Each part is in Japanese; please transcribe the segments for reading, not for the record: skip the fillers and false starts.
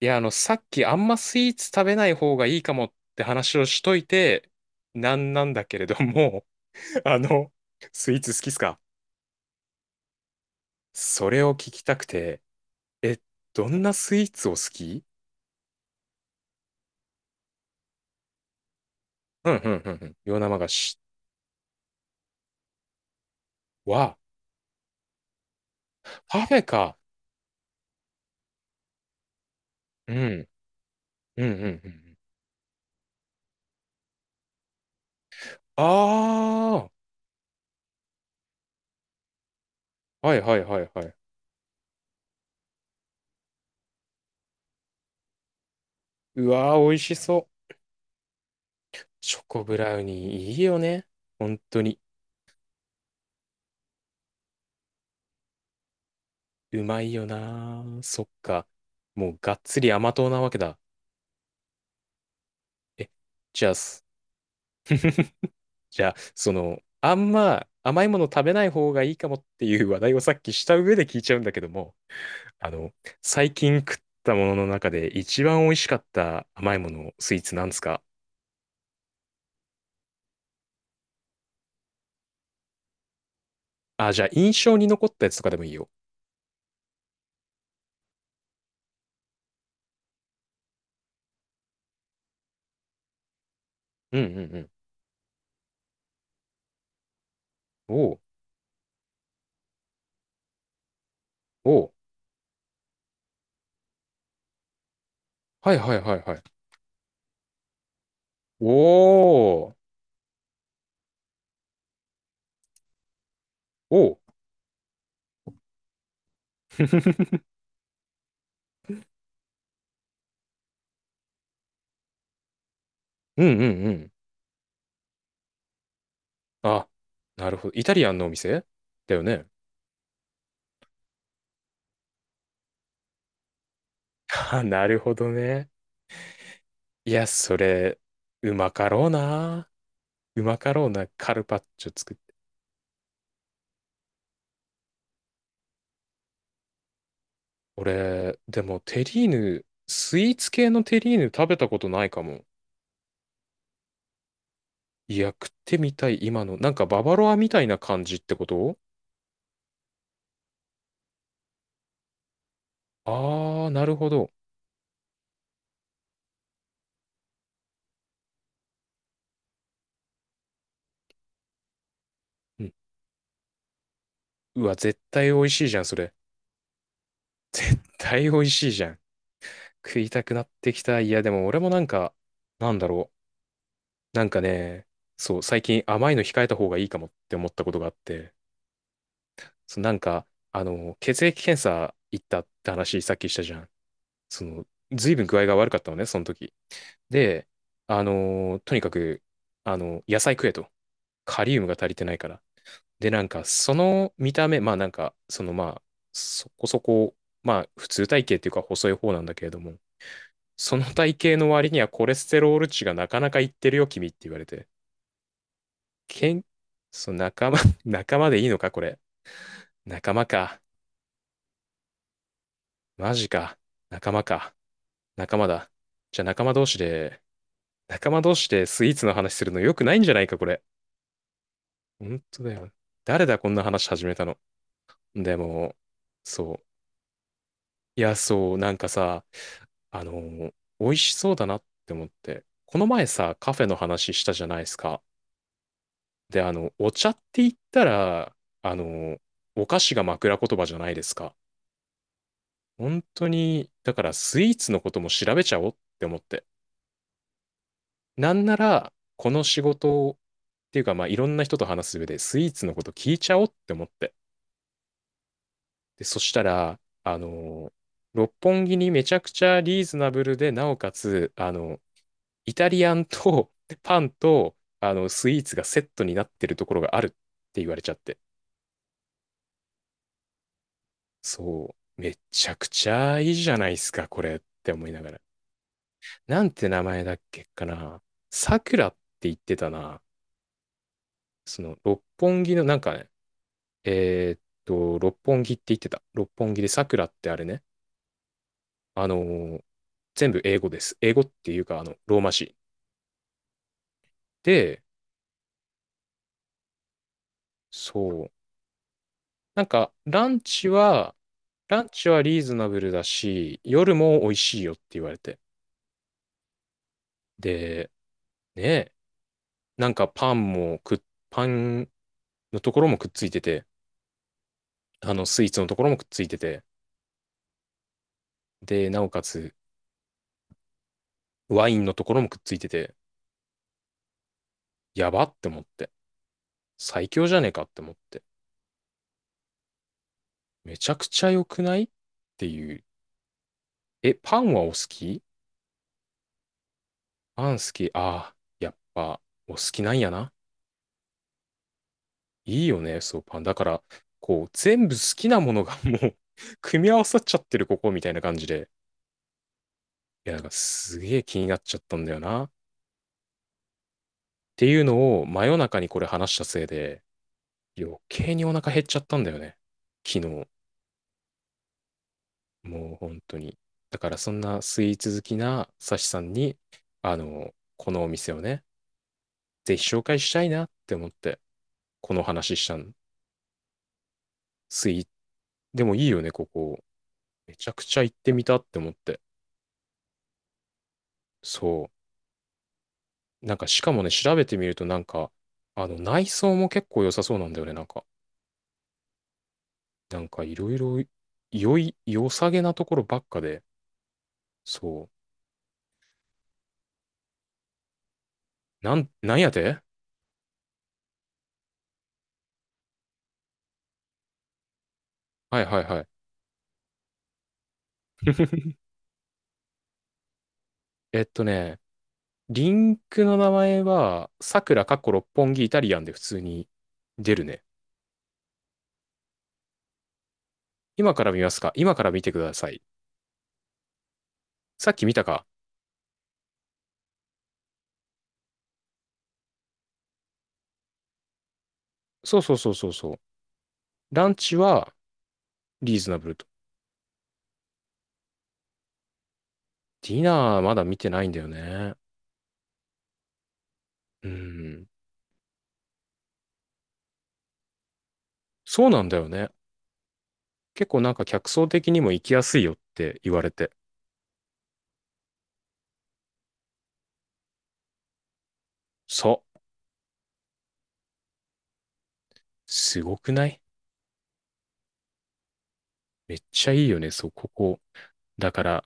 いや、さっきあんまスイーツ食べない方がいいかもって話をしといて、なんなんだけれども、あの、スイーツ好きっすか？それを聞きたくて、え、どんなスイーツを好き？うんうんうんうん。洋生菓子は、パフェか。うん。うんうんうんうん。ああ、はいはいはいはい。うわー、美味しそう。チョコブラウニーいいよね。本当に。うまいよなー。そっか。もうがっつり甘党なわけだ。えじゃあ、す じゃあ、あんま甘いもの食べない方がいいかもっていう話題をさっきした上で聞いちゃうんだけども、あの、最近食ったものの中で一番美味しかった甘いもの、スイーツなんですか？あ、じゃあ、印象に残ったやつとかでもいいよ。うんうんうん。おう、おう、はいはいはいはい。おー、おう、うんうんうん。あ、なるほど。イタリアンのお店だよね。あ、なるほどね。いや、それ、うまかろうな。うまかろうなカルパッチョ作って。俺、でもテリーヌ、スイーツ系のテリーヌ食べたことないかも。いや、食ってみたい、今の。なんかババロアみたいな感じってこと？あー、なるほど。うん。うわ、絶対美味しいじゃん、それ。絶対美味しいじゃん。食いたくなってきた。いや、でも俺もなんか、なんだろう。なんかね、そう、最近甘いの控えた方がいいかもって思ったことがあって、そう、なんか、血液検査行ったって話さっきしたじゃん。その、ずいぶん具合が悪かったのね、その時。で、とにかく、野菜食えと。カリウムが足りてないから。で、なんか、その見た目、まあなんか、そのまあ、そこそこ、まあ、普通体型っていうか細い方なんだけれども、その体型の割にはコレステロール値がなかなかいってるよ、君って言われて。けん、そう、仲間、仲間でいいのか、これ？仲間か。マジか。仲間か。仲間だ。じゃあ仲間同士でスイーツの話するの良くないんじゃないか、これ？本当だよ。誰だ、こんな話始めたの。でも、そう。いや、そう、なんかさ、あの、美味しそうだなって思って。この前さ、カフェの話したじゃないですか。で、お茶って言ったら、あの、お菓子が枕言葉じゃないですか。本当に、だからスイーツのことも調べちゃおうって思って。なんなら、この仕事をっていうか、まあ、いろんな人と話す上で、スイーツのこと聞いちゃおうって思って。で、そしたら、六本木にめちゃくちゃリーズナブルで、なおかつ、イタリアンと パンと、スイーツがセットになってるところがあるって言われちゃって。そう、めちゃくちゃいいじゃないですか、これって思いながら。なんて名前だっけかな。さくらって言ってたな。六本木のなんかね、六本木って言ってた。六本木でさくらってあれね。あのー全部英語です。英語っていうか、ローマ字。で、そう。なんか、ランチはリーズナブルだし、夜も美味しいよって言われて。で、ね、なんかパンもくっ、パンのところもくっついてて、スイーツのところもくっついてて、で、なおかつ、ワインのところもくっついてて、やばって思って。最強じゃねえかって思って。めちゃくちゃ良くないっていう。え、パンはお好き？パン好き。ああ、やっぱ、お好きなんやな。いいよね、そう、パン。だから、こう、全部好きなものがもう 組み合わさっちゃってる、ここ、みたいな感じで。いや、なんか、すげえ気になっちゃったんだよな。っていうのを、真夜中にこれ話したせいで、余計にお腹減っちゃったんだよね。昨日。もう、本当に。だから、そんなスイーツ好きなサシさんに、このお店をね、ぜひ紹介したいなって思って、この話したの。スイーツ、でもいいよね、ここ。めちゃくちゃ行ってみたって思って。そう。なんかしかもね、調べてみるとなんか、あの内装も結構良さそうなんだよね。なんかいろいろ良さげなところばっかで。そう。なんやて？はいはいはい。えっとね、リンクの名前は、さくらかっこ六本木イタリアンで普通に出るね。今から見ますか？今から見てください。さっき見たか？そうそうそうそうそう。ランチはリーズナブルと。ディナーまだ見てないんだよね。うん。そうなんだよね。結構なんか客層的にも行きやすいよって言われて。そう。すごくない？めっちゃいいよね、そう、ここ。だから、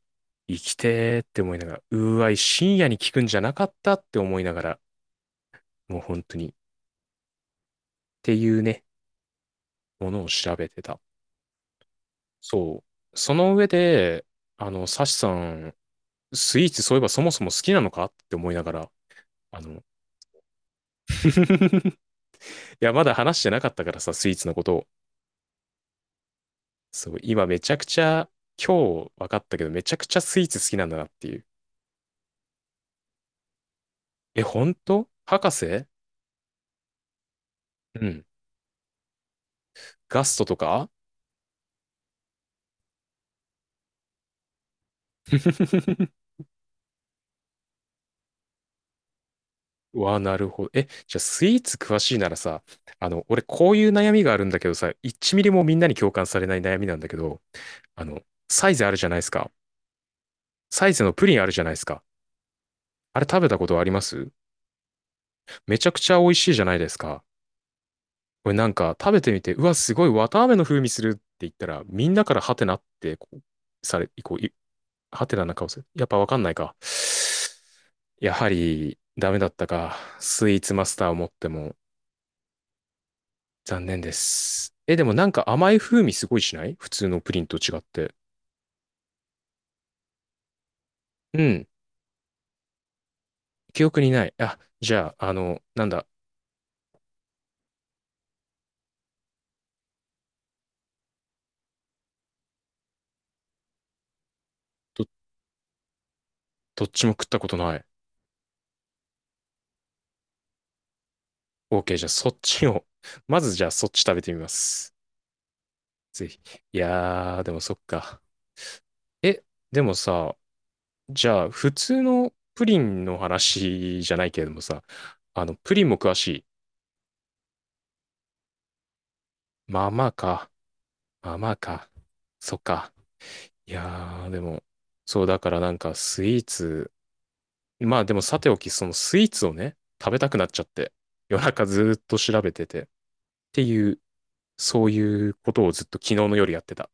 生きてーって思いながら、うーわい、深夜に聞くんじゃなかったって思いながら、もう本当に。っていうね、ものを調べてた。そう。その上で、サシさん、スイーツそういえばそもそも好きなのかって思いながら、あの、いや、まだ話してなかったからさ、スイーツのことを。そう、今めちゃくちゃ、今日分かったけど、めちゃくちゃスイーツ好きなんだなっていう。え、本当博士？うん。ガストとか わあ、なるほど。え、じゃあスイーツ詳しいならさ、俺こういう悩みがあるんだけどさ、1ミリもみんなに共感されない悩みなんだけど、あの、サイズあるじゃないですか。サイズのプリンあるじゃないですか。あれ食べたことあります？めちゃくちゃ美味しいじゃないですか。これなんか食べてみて、うわ、すごい綿あめの風味するって言ったら、みんなからハテナってこうされ、こう、いハテナな顔する。やっぱわかんないか。やはり、ダメだったか。スイーツマスターを持っても残念です。え、でもなんか甘い風味すごいしない普通のプリンと違って。うん。記憶にない。あ、じゃあ、なんだ。ど、どっちも食ったことない。OK、じゃあそっちを。まずじゃあそっち食べてみます。ぜひ。いやー、でもそっか。え、でもさ、じゃあ普通のプリンの話じゃないけれどもさ、プリンも詳しい？まあまあか。まあまあか。そっか。いやー、でも、そう、だからなんかスイーツ、まあでもさておき、そのスイーツをね、食べたくなっちゃって、夜中ずーっと調べてて、っていう、そういうことをずっと昨日の夜やってた。